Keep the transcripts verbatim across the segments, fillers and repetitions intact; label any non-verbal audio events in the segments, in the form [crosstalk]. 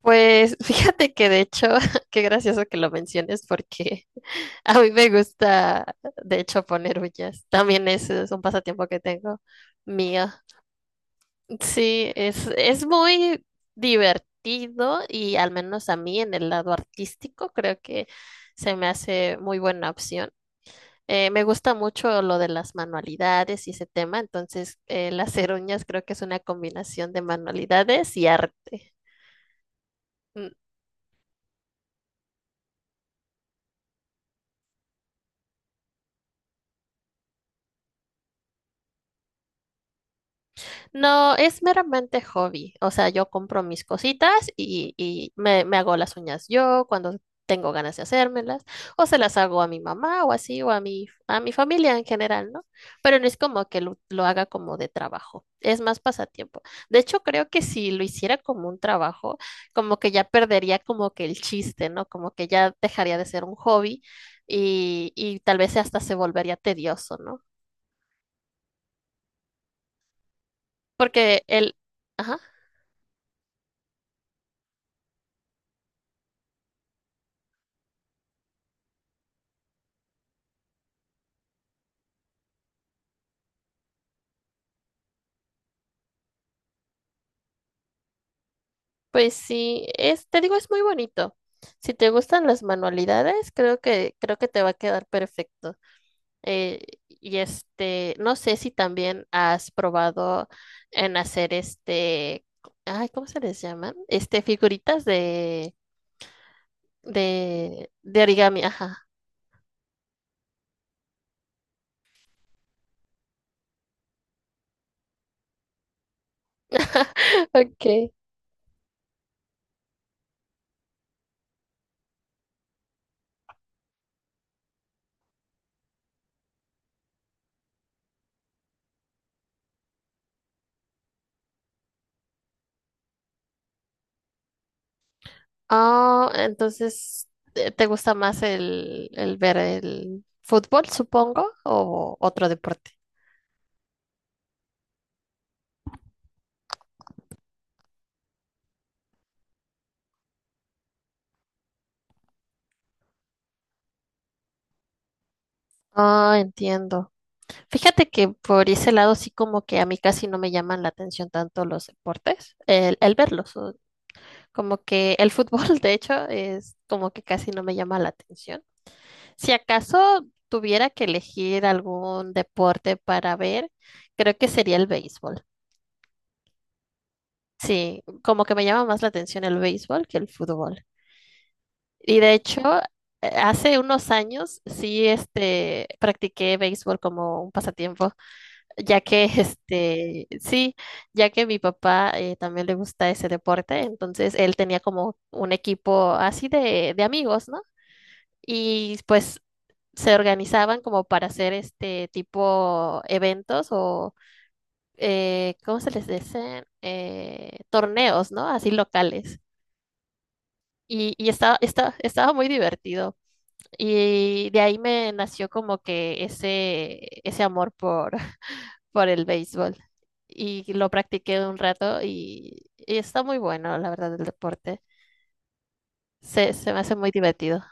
Pues [laughs] fíjate que de hecho, [laughs] qué gracioso que lo menciones porque [laughs] a mí me gusta, de hecho, poner uñas. También es, es un pasatiempo que tengo mío. Sí, es, es muy divertido y al menos a mí en el lado artístico creo que se me hace muy buena opción. Eh, me gusta mucho lo de las manualidades y ese tema, entonces eh, las [laughs] hacer uñas creo que es una combinación de manualidades y arte. Mm. No, es meramente hobby. O sea, yo compro mis cositas y, y me, me hago las uñas yo cuando tengo ganas de hacérmelas, o se las hago a mi mamá o así, o a mi, a mi familia en general, ¿no? Pero no es como que lo, lo haga como de trabajo, es más pasatiempo. De hecho, creo que si lo hiciera como un trabajo, como que ya perdería como que el chiste, ¿no? Como que ya dejaría de ser un hobby y, y tal vez hasta se volvería tedioso, ¿no? Porque el... Ajá. Pues sí, es, te digo, es muy bonito. Si te gustan las manualidades, creo que, creo que te va a quedar perfecto. Eh, y este, no sé si también has probado en hacer este, ay, ¿cómo se les llaman? Este, figuritas de, de, de origami, ajá. [laughs] Okay. Ah, entonces, ¿te te gusta más el, el ver el fútbol, supongo, o otro deporte? Ah, entiendo. Fíjate que por ese lado sí como que a mí casi no me llaman la atención tanto los deportes, el, el verlos, o como que el fútbol [laughs] de hecho es como que casi no me llama la atención. Si acaso tuviera que elegir algún deporte para ver, creo que sería el béisbol. Sí, como que me llama más la atención el béisbol que el fútbol. Y de hecho, eh, hace unos años sí este practiqué béisbol como un pasatiempo, ya que [laughs] este, sí, ya que mi papá eh, también le gusta ese deporte, entonces él tenía como un equipo así de, de amigos, ¿no? Y pues se organizaban como para hacer este tipo eventos o, eh, ¿cómo se les dice? Eh, torneos, ¿no? Así locales. Y, y estaba, estaba, estaba muy divertido. Y de ahí me nació como que ese, ese amor por, por el béisbol y lo practiqué un rato y, y está muy bueno, la verdad, el deporte. Se, se me hace muy divertido.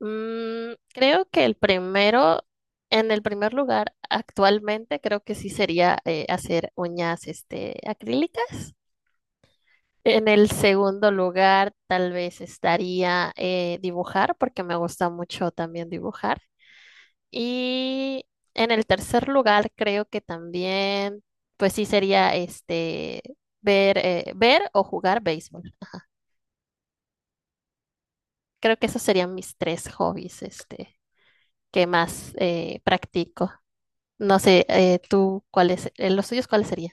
Mm, creo que el primero, en el primer lugar actualmente, creo que sí sería eh, hacer uñas este, acrílicas. En el segundo lugar, tal vez estaría eh, dibujar, porque me gusta mucho también dibujar. Y en el tercer lugar, creo que también, pues sí sería este ver, eh, ver o jugar béisbol. Creo que esos serían mis tres hobbies, este, que más eh, practico. No sé, eh, tú, ¿cuáles, eh, los tuyos cuáles serían?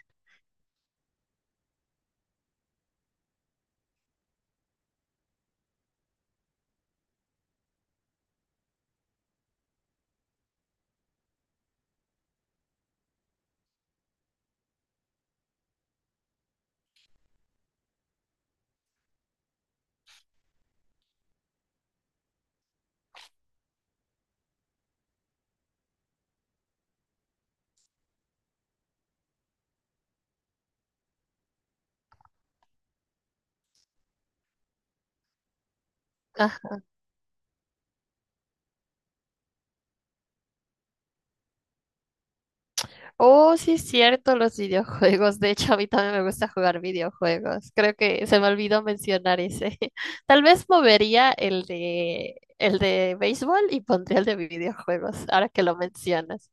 Oh, sí es cierto, los videojuegos. De hecho, a mí también me gusta jugar videojuegos. Creo que se me olvidó mencionar ese. [laughs] Tal vez movería el de el de béisbol y pondría el de videojuegos, ahora que lo mencionas.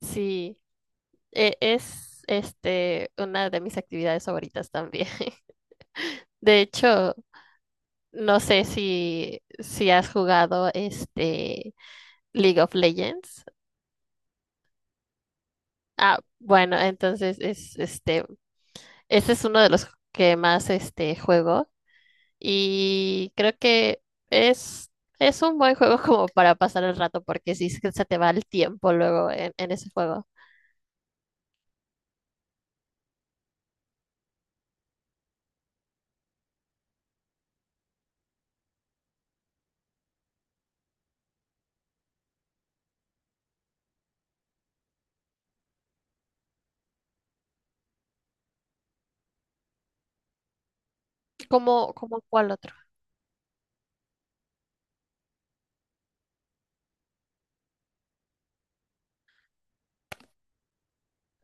Sí, e- es este una de mis actividades favoritas también. [laughs] De hecho, no sé si si has jugado este League of Legends. Ah, bueno, entonces es este ese es uno de los que más este juego y creo que es, es un buen juego [laughs] como para pasar el rato porque sí se se te va el tiempo luego en, en ese juego. ¿Cómo, cómo cuál otro?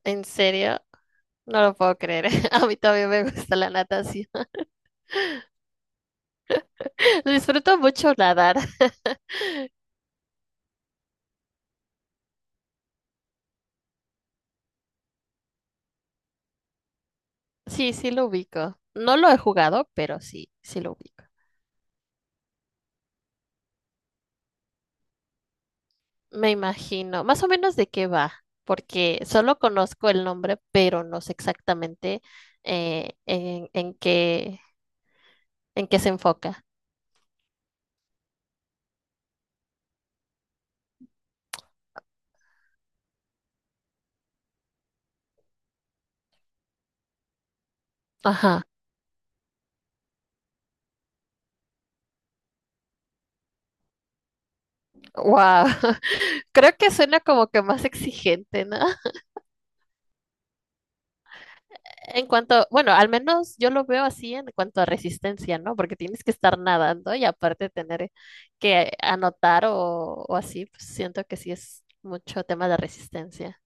¿En serio? No lo puedo creer. [laughs] A mí también me gusta la natación. [laughs] Disfruto mucho nadar. Sí, sí lo ubico. No lo he jugado, pero sí, sí lo ubico. Me imagino. Más o menos de qué va, porque solo conozco el nombre, pero no sé exactamente eh, en, en qué, en qué se enfoca. Ajá. Wow. [laughs] Creo que suena como que más exigente, ¿no? En cuanto, bueno, al menos yo lo veo así en cuanto a resistencia, ¿no? Porque tienes que estar nadando y aparte tener que anotar o, o así, pues siento que sí es mucho tema de resistencia.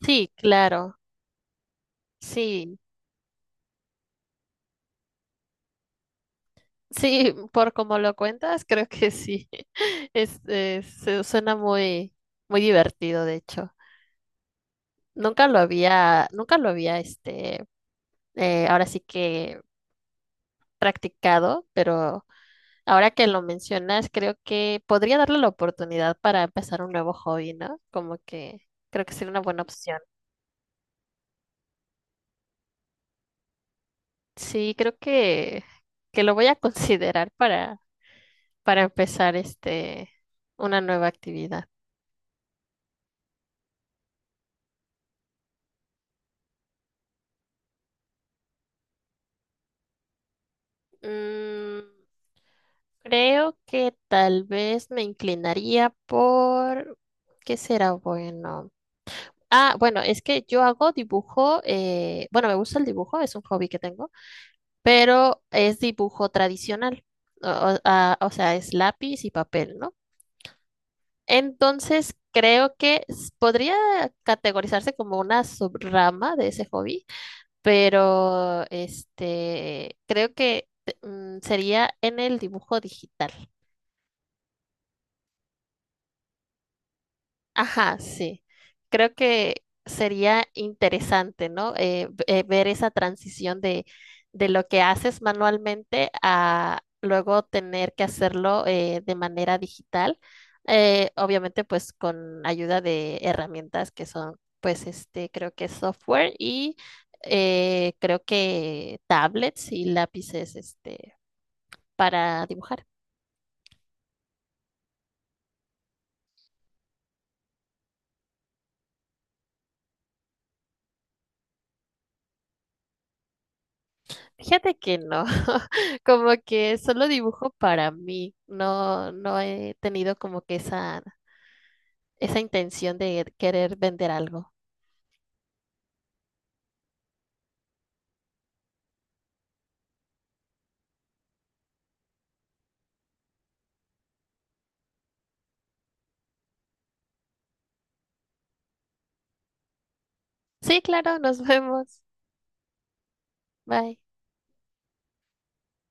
Sí, claro. Sí, sí, por como lo cuentas, creo que sí. [laughs] Es, es- se- suena muy, muy divertido, de hecho. Nunca lo había, nunca lo había, este, eh, ahora sí que practicado, pero ahora que lo mencionas, creo que podría darle la oportunidad para empezar un nuevo hobby, ¿no? Como que creo que sería una buena opción. Sí, creo que, que lo voy a considerar para, para empezar este, una nueva actividad. Mm, creo que tal vez me inclinaría por... ¿Qué será bueno? Ah, bueno, es que yo hago dibujo, eh, bueno, me gusta el dibujo, es un hobby que tengo, pero es dibujo tradicional, o, o- ah, o sea, es lápiz y papel, ¿no? Entonces, creo que s- podría categorizarse como una subrama de ese hobby, pero este, creo que te- mm, sería en el dibujo digital. Ajá, sí. Creo que sería interesante, ¿no? Eh, v- eh, ver esa transición de, de lo que haces manualmente a luego tener que hacerlo eh, de manera digital. Eh, obviamente, pues con ayuda de herramientas que son, pues, este, creo que software y eh, creo que tablets y lápices, este, para dibujar. Fíjate que no, [laughs] como que solo dibujo para mí, no, no he tenido como que esa, esa intención de querer vender algo. Sí, claro, nos [laughs] vemos. Bye.